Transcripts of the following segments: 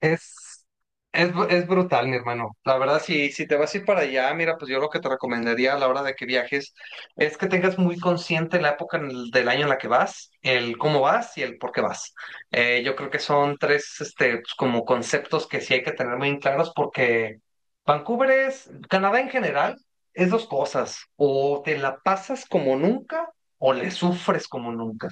Es, es brutal, mi hermano. La verdad, si te vas a ir para allá, mira, pues yo lo que te recomendaría a la hora de que viajes es que tengas muy consciente la época del año en la que vas, el cómo vas y el por qué vas. Yo creo que son tres, este, pues, como conceptos que sí hay que tener muy claros porque Vancouver es, Canadá en general, es dos cosas. O te la pasas como nunca o le sufres como nunca.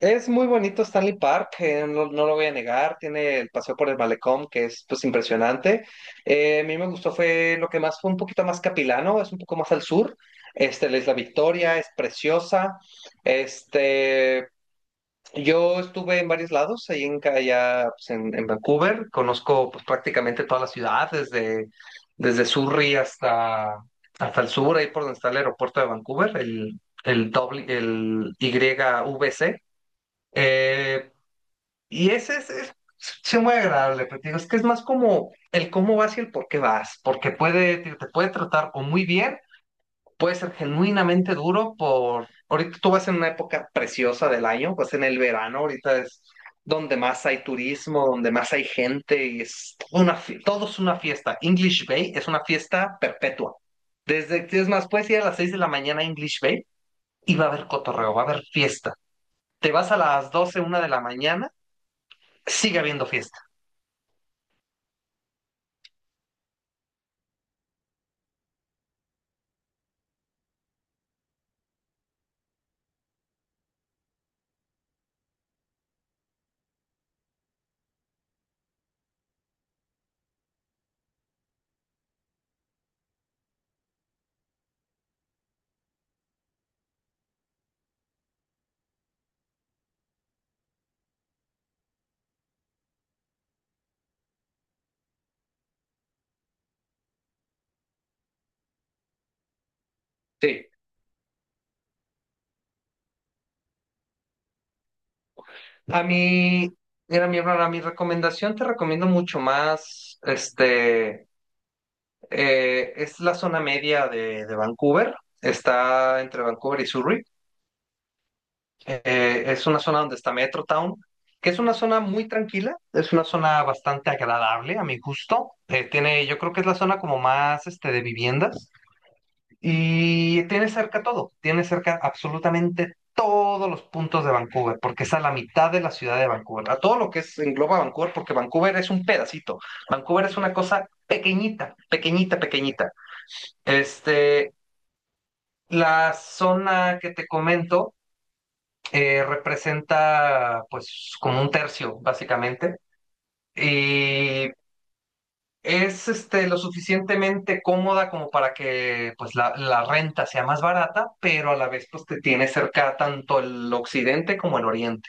Es muy bonito Stanley Park, no, no lo voy a negar, tiene el paseo por el malecón que es pues impresionante. A mí me gustó fue lo que más fue un poquito más capilano, es un poco más al sur. Este, la Isla Victoria es preciosa. Este, yo estuve en varios lados, ahí allá pues, en Vancouver, conozco pues prácticamente toda la ciudad, desde Surrey hasta el sur, ahí por donde está el aeropuerto de Vancouver, el YVC. Eh, y ese es, sí, muy agradable, pero te digo, es que es más como el cómo vas y el por qué vas, porque puede, te puede tratar o muy bien, puede ser genuinamente duro por, ahorita tú vas en una época preciosa del año, pues en el verano, ahorita es donde más hay turismo, donde más hay gente, y es todo es una fiesta. English Bay es una fiesta perpetua. Es más, puedes ir a las 6 de la mañana a English Bay y va a haber cotorreo, va a haber fiesta. Te vas a las doce una de la mañana sigue habiendo fiesta. Sí. A mí, mira, mi hermana, mi recomendación te recomiendo mucho más, este, es la zona media de Vancouver, está entre Vancouver y Surrey. Es una zona donde está Metro Town, que es una zona muy tranquila, es una zona bastante agradable a mi gusto. Tiene, yo creo que es la zona como más, este, de viviendas, y tiene cerca todo, tiene cerca absolutamente todos los puntos de Vancouver, porque es a la mitad de la ciudad de Vancouver, a todo lo que es, engloba Vancouver, porque Vancouver es un pedacito, Vancouver es una cosa pequeñita, pequeñita, pequeñita. Este, la zona que te comento representa pues como un tercio, básicamente, y es este, lo suficientemente cómoda como para que pues, la renta sea más barata, pero a la vez pues, te tiene cerca tanto el occidente como el oriente.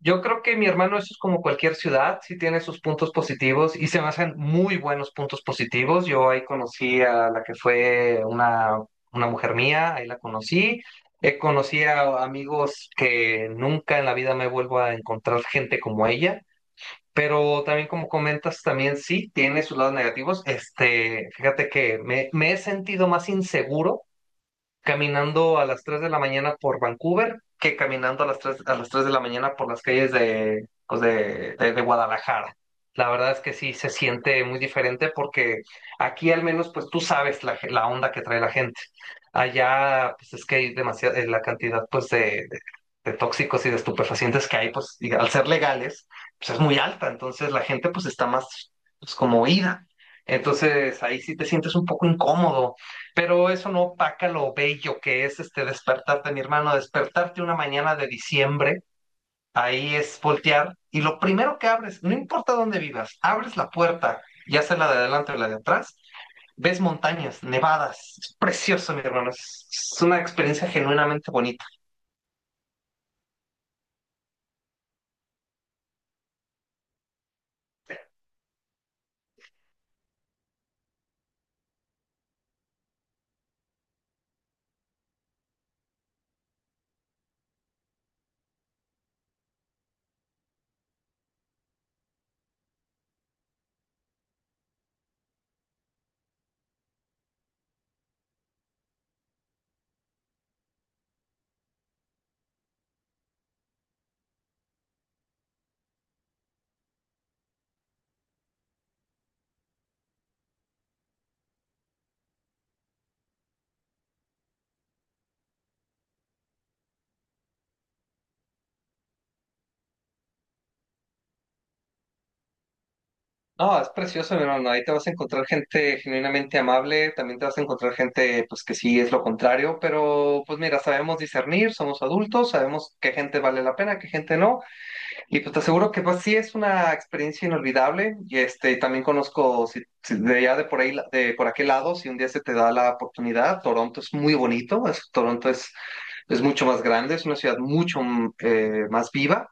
Yo creo que mi hermano, eso es como cualquier ciudad, sí tiene sus puntos positivos y se me hacen muy buenos puntos positivos. Yo ahí conocí a la que fue una mujer mía, ahí la conocí. Conocí a amigos que nunca en la vida me vuelvo a encontrar gente como ella, pero también como comentas, también sí tiene sus lados negativos. Este, fíjate que me he sentido más inseguro caminando a las 3 de la mañana por Vancouver que caminando a las tres de la mañana por las calles de, pues, de Guadalajara. La verdad es que sí se siente muy diferente porque aquí al menos pues tú sabes la onda que trae la gente. Allá pues es que hay demasiada la cantidad pues de tóxicos y de estupefacientes que hay, pues diga, al ser legales, pues es muy alta, entonces la gente pues está más pues, como oída. Entonces ahí sí te sientes un poco incómodo, pero eso no opaca lo bello que es este despertarte, mi hermano, despertarte una mañana de diciembre, ahí es voltear y lo primero que abres, no importa dónde vivas, abres la puerta, ya sea la de adelante o la de atrás, ves montañas, nevadas, es precioso, mi hermano, es una experiencia genuinamente bonita. No, es precioso, mi hermano. Ahí te vas a encontrar gente genuinamente amable, también te vas a encontrar gente, pues que sí es lo contrario, pero pues mira, sabemos discernir, somos adultos, sabemos qué gente vale la pena, qué gente no, y pues te aseguro que pues sí es una experiencia inolvidable. Y este, también conozco si de allá de por ahí, de por aquel lado, si un día se te da la oportunidad, Toronto es muy bonito, Toronto es mucho más grande, es una ciudad mucho más viva.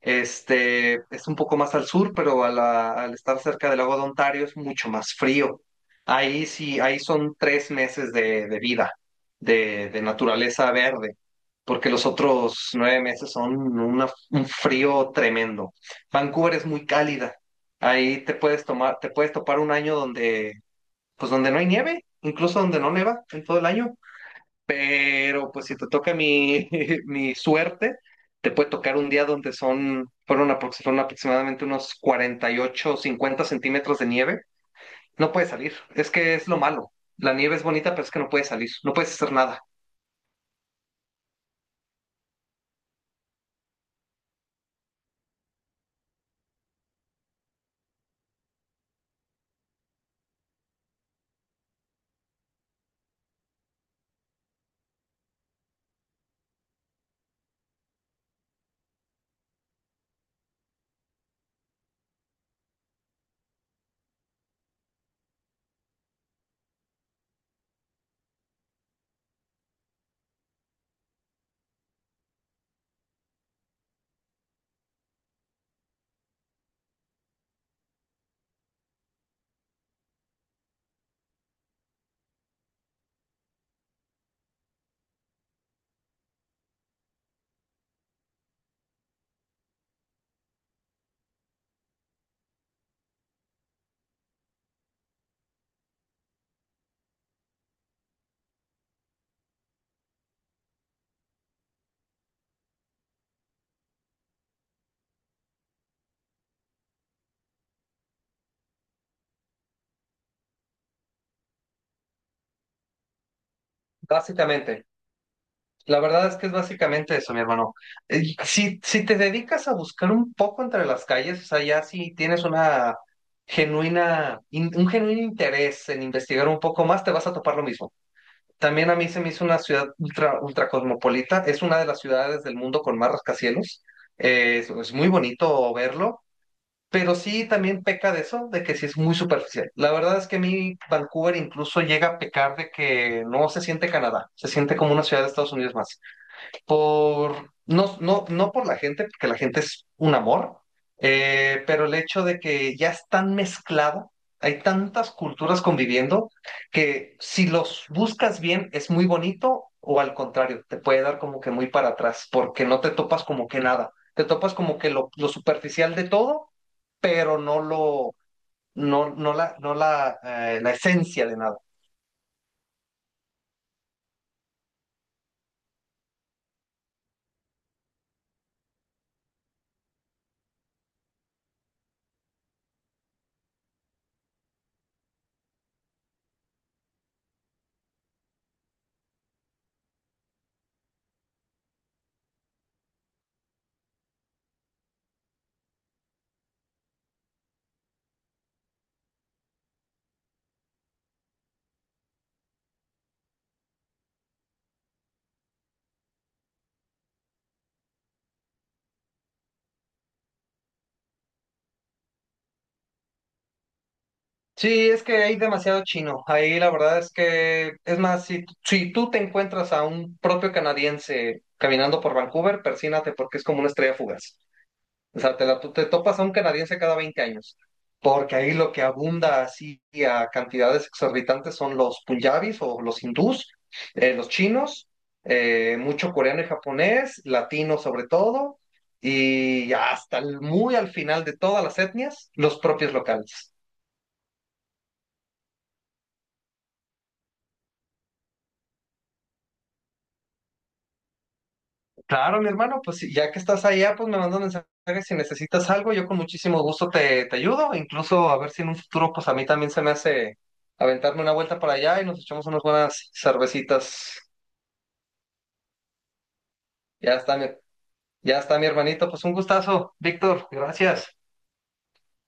Este es un poco más al sur, pero al estar cerca del lago de Ontario es mucho más frío. Ahí sí, ahí son 3 meses de vida, de naturaleza verde, porque los otros 9 meses son un frío tremendo. Vancouver es muy cálida. Ahí te puedes topar un año donde, pues donde no hay nieve, incluso donde no neva en todo el año. Pero pues si te toca mi, mi suerte, te puede tocar un día donde fueron aproximadamente unos 48 o 50 centímetros de nieve. No puedes salir. Es que es lo malo. La nieve es bonita, pero es que no puedes salir. No puedes hacer nada. Básicamente. La verdad es que es básicamente eso, mi hermano. Si, te dedicas a buscar un poco entre las calles, o sea, ya si tienes un genuino interés en investigar un poco más, te vas a topar lo mismo. También a mí se me hizo una ciudad ultra, ultra cosmopolita. Es una de las ciudades del mundo con más rascacielos. Es, muy bonito verlo, pero sí también peca de eso, de que sí es muy superficial. La verdad es que a mí Vancouver incluso llega a pecar de que no se siente Canadá, se siente como una ciudad de Estados Unidos más por, no, no, no por la gente, porque la gente es un amor, pero el hecho de que ya es tan mezclado, hay tantas culturas conviviendo, que si los buscas bien es muy bonito o al contrario, te puede dar como que muy para atrás, porque no te topas como que nada, te topas como que lo superficial de todo, pero no lo, no, no la, no la, la esencia de nada. Sí, es que hay demasiado chino. Ahí la verdad es que, es más, si tú te encuentras a un propio canadiense caminando por Vancouver, persínate porque es como una estrella fugaz. O sea, tú te topas a un canadiense cada 20 años. Porque ahí lo que abunda así a cantidades exorbitantes son los punjabis o los hindús, los chinos, mucho coreano y japonés, latino sobre todo, y hasta muy al final de todas las etnias, los propios locales. Claro, mi hermano, pues sí, ya que estás allá, pues me mandas mensajes si necesitas algo, yo con muchísimo gusto te ayudo, incluso a ver si en un futuro, pues a mí también se me hace aventarme una vuelta para allá y nos echamos unas buenas cervecitas. Ya está, ya está mi hermanito, pues un gustazo, Víctor, gracias.